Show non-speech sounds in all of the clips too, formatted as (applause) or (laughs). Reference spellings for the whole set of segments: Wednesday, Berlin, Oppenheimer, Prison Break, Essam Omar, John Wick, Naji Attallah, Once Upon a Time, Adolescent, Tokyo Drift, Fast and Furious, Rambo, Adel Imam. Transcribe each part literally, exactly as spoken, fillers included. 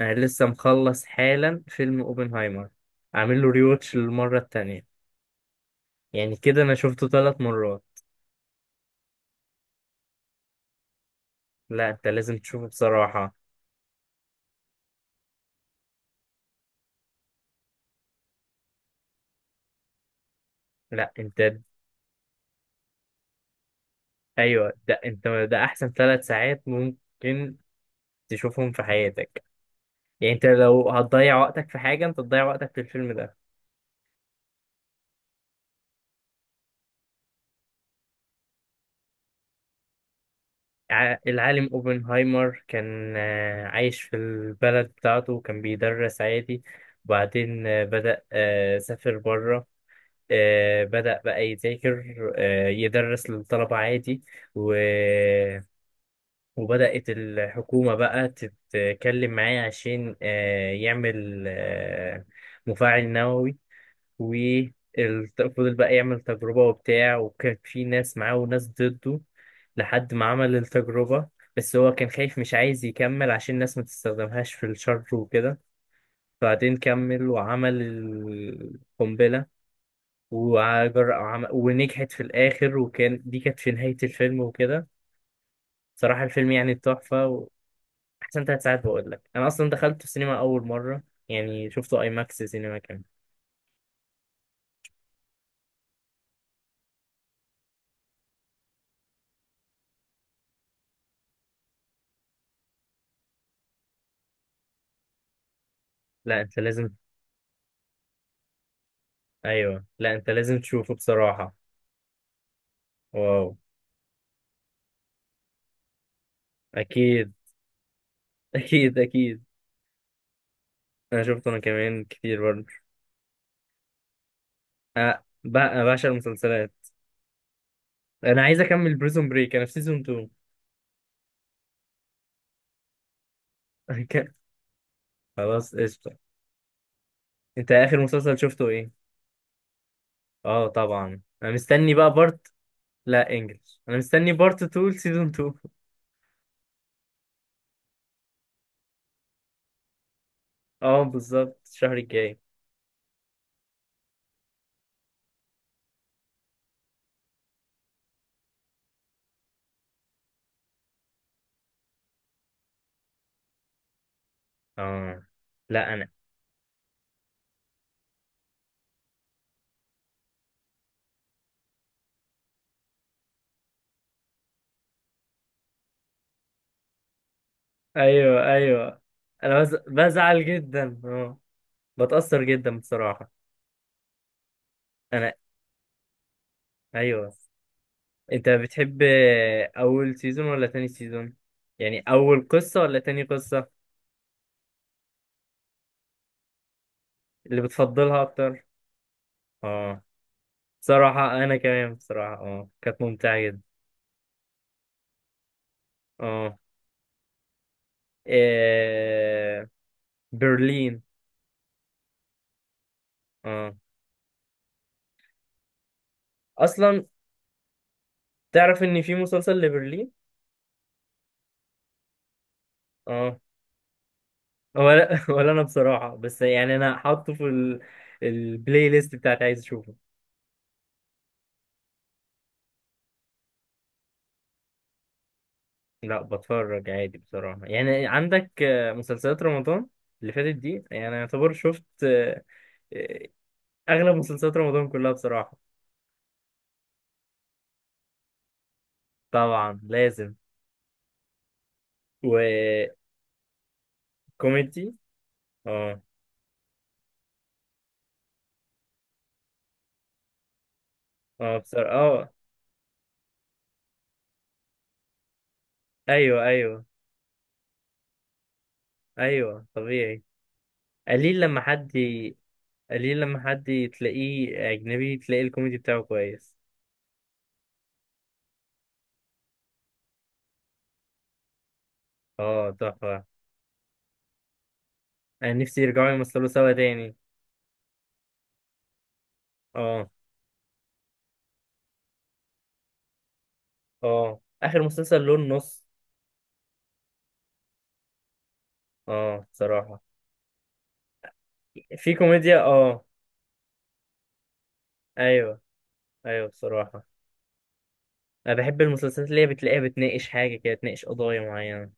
انا لسه مخلص حالا فيلم اوبنهايمر، عامل له ريوتش للمره التانية. يعني كده انا شفته ثلاث مرات. لا، انت لازم تشوفه بصراحه. لا انت. ايوه، ده انت ده احسن ثلاث ساعات ممكن تشوفهم في حياتك. يعني انت لو هتضيع وقتك في حاجه، انت تضيع وقتك في الفيلم ده. ع- العالم اوبنهايمر كان آه، عايش في البلد بتاعته، وكان بيدرس عادي. وبعدين آه، بدأ آه، سافر بره. آه، بدأ بقى يذاكر، آه، يدرس للطلبة عادي. و... وبدأت الحكومة بقى تتكلم معاه عشان آه، يعمل آه، مفاعل نووي. وفضل بقى يعمل تجربة وبتاع، وكان في ناس معاه وناس ضده لحد ما عمل التجربة. بس هو كان خايف، مش عايز يكمل عشان الناس ما تستخدمهاش في الشر وكده. بعدين كمل وعمل القنبلة. وعجر... وعم... ونجحت في الآخر، وكان دي كانت في نهاية الفيلم وكده. صراحة الفيلم يعني تحفة. وأحسن تلات ساعات بقول لك. أنا أصلا دخلت السينما أول مرة، يعني شفته أي ماكس سينما كان. لا أنت لازم. أيوه، لا أنت لازم تشوفه بصراحة. واو. أكيد. (laughs) أكيد أكيد. أنا شفته أنا كمان كتير برضه. أه بقى بعشق المسلسلات. أنا عايز أكمل بريزون بريك، أنا في سيزون اتنين. (laughs) خلاص قشطة. أنت آخر مسلسل شفته إيه؟ آه طبعا، أنا مستني بقى بارت. لا انجلش، انا مستني بارت اتنين سيزون اتنين. اه بالظبط الشهر الجاي. اه. لا انا. ايوه، ايوه. انا بز... بزعل جدا، اه. بتأثر جدا بصراحة. انا. ايوه. انت بتحب اول سيزون ولا تاني سيزون؟ يعني اول قصة ولا تاني قصة اللي بتفضلها اكتر؟ اه. بصراحة انا كمان، بصراحة اه كانت ممتعة جدا. اه. إيه... برلين. اه. اصلا تعرف ان في مسلسل لبرلين. اه. ولا (laughs) ولا انا بصراحة، بس يعني انا حاطه في ال... البلاي ليست بتاعتي، عايز اشوفه. لا بتفرج عادي بصراحة. يعني عندك آه، مسلسلات رمضان اللي فاتت دي، يعني يعتبر شفت آه، آه، اغلب مسلسلات رمضان كلها بصراحة. طبعا لازم. وكوميدي. اه، اه، بصراحة اه. ايوه، ايوه. ايوه طبيعي. قليل لما حد ي- قليل لما حد تلاقيه اجنبي تلاقي الكوميدي بتاعه كويس. اه تحفة. يعني نفسي يرجعوا يمثلوا سوا تاني. اه. اه اخر مسلسل لون نص. اه بصراحة. في كوميديا، اه. ايوه، ايوه بصراحة. انا بحب المسلسلات اللي هي بتلاقيها بتناقش حاجة كده، بتناقش قضايا معينة.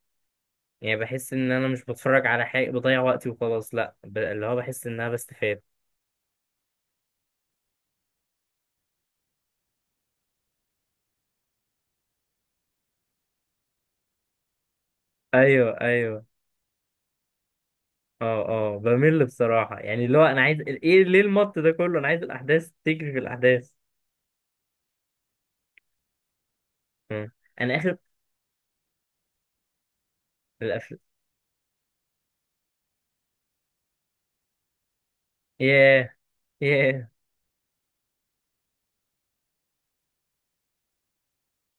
يعني بحس ان انا مش بتفرج على حاجة بضيع وقتي وخلاص، لا ب... اللي هو بحس ان انا بستفاد. ايوه، ايوه. اه، اه، بمل بصراحة. يعني اللي هو انا عايز ايه؟ ليه المط ده كله؟ انا عايز الاحداث تجري في الاحداث. مم. انا اخر. الافلام. ياه، ياه.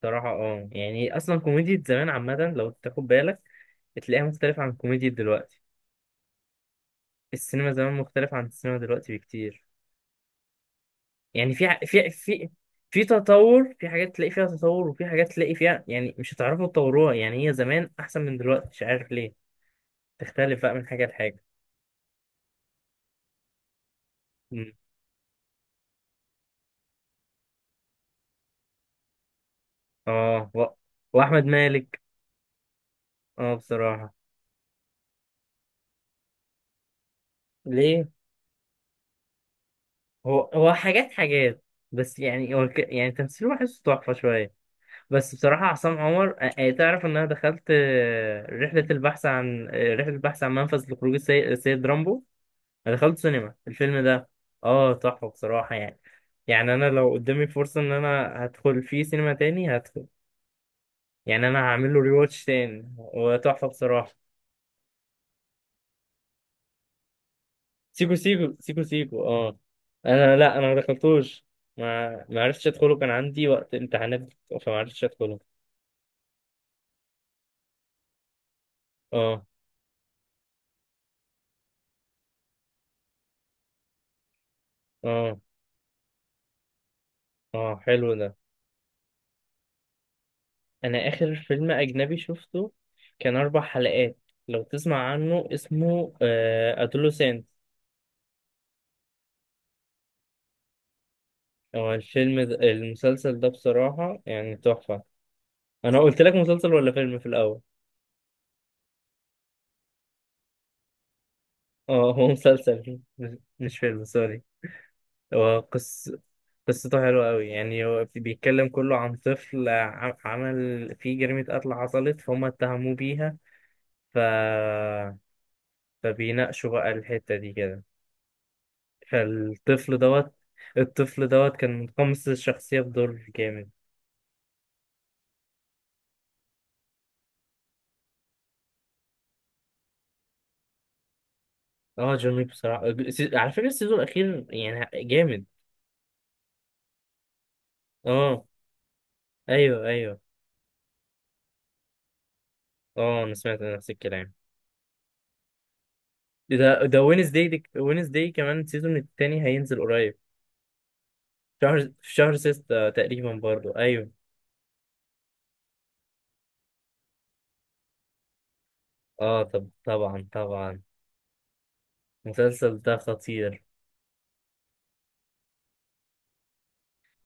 صراحة اه، يعني اصلا كوميديا زمان عامة لو تاخد بالك بتلاقيها مختلفة عن كوميديا دلوقتي. السينما زمان مختلفة عن السينما دلوقتي بكتير. يعني في ع- في في في تطور. في حاجات تلاقي فيها تطور، وفي حاجات تلاقي فيها يعني مش هتعرفوا تطوروها، يعني هي زمان احسن من دلوقتي، مش عارف ليه. تختلف بقى من حاجة لحاجة. مم. اه و... واحمد مالك. اه بصراحة. ليه؟ هو هو حاجات حاجات، بس يعني هو ك- يعني تمثيله بحسه تحفة شوية. بس بصراحة عصام عمر، آه، تعرف إن أنا دخلت، آه، رحلة البحث عن آه، رحلة البحث عن منفذ لخروج السي- السيد رامبو. أنا دخلت سينما الفيلم ده. آه تحفة بصراحة يعني. يعني أنا لو قدامي فرصة إن أنا هدخل فيه سينما تاني هدخل. يعني أنا هعمل له ريواتش تاني، هو تحفة بصراحة. سيكو سيكو سيكو سيكو، آه. أنا لأ، أنا ما دخلتوش. ما ما عرفتش أدخله، كان عندي وقت امتحانات، فما عرفتش أدخله. آه، آه، آه حلو ده. انا اخر فيلم اجنبي شفته كان اربع حلقات، لو تسمع عنه اسمه ادولوسنت. هو الفيلم ده المسلسل ده بصراحة يعني تحفة. انا قلت لك مسلسل ولا فيلم في الاول؟ اه هو مسلسل مش مش فيلم، سوري. هو قص... قصته حلوة قوي. يعني هو بيتكلم كله عن طفل ع- عمل فيه جريمة قتل حصلت فهم اتهموه بيها. ف... فبيناقشوا بقى الحتة دي كده. فالطفل دوت الطفل دوت كان متقمص الشخصية بدور جامد. اه جون ويك بصراحة السي- على فكرة السيزون الأخير يعني جامد. اه أيوه، أيوه. اه أنا سمعت نفس الكلام. ده ده وينزداي وينزداي كمان السيزون التاني هينزل قريب. شهر، في شهر ستة تقريبا برضو، أيوه. اه طب طبعا، طبعا. المسلسل ده خطير.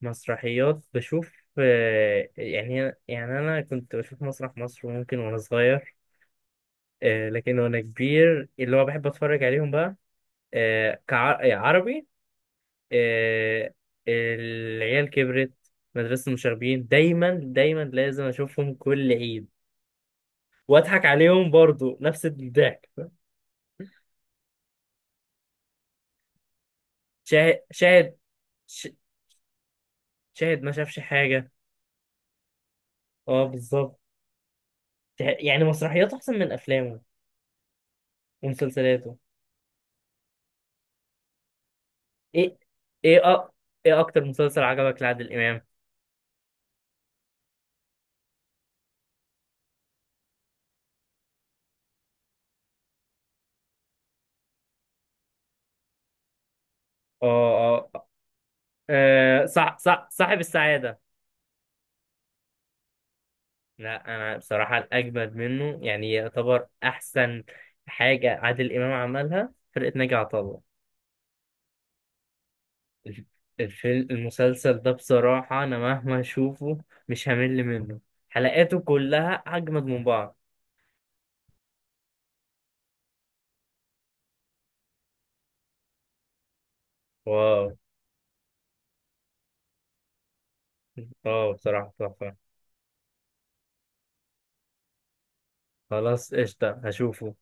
مسرحيات بشوف آه، يعني، يعني أنا كنت بشوف مسرح مصر ممكن وأنا صغير. آه، لكن وانا كبير اللي هو بحب اتفرج عليهم بقى آه، كعربي. العيال كبرت. مدرسة المشاغبين دايما دايما لازم اشوفهم كل عيد، واضحك عليهم برضو نفس الضحك. شاهد شاهد ش- شاهد ما شافش حاجة. اه بالظبط. شاهد- يعني مسرحياته احسن من افلامه ومسلسلاته. ايه ايه أ... ايه اكتر مسلسل عجبك لعادل امام؟ اه، اه، آه، صح، صح، صاحب السعادة. لا انا بصراحه الاجمد منه، يعني يعتبر احسن حاجه عادل امام عملها فرقه ناجي عطا الله. الف- الفيلم المسلسل ده بصراحه انا مهما اشوفه مش همل منه. حلقاته كلها اجمد من بعض. واو. اه بصراحه تحفه. خلاص قشطه، هشوفه.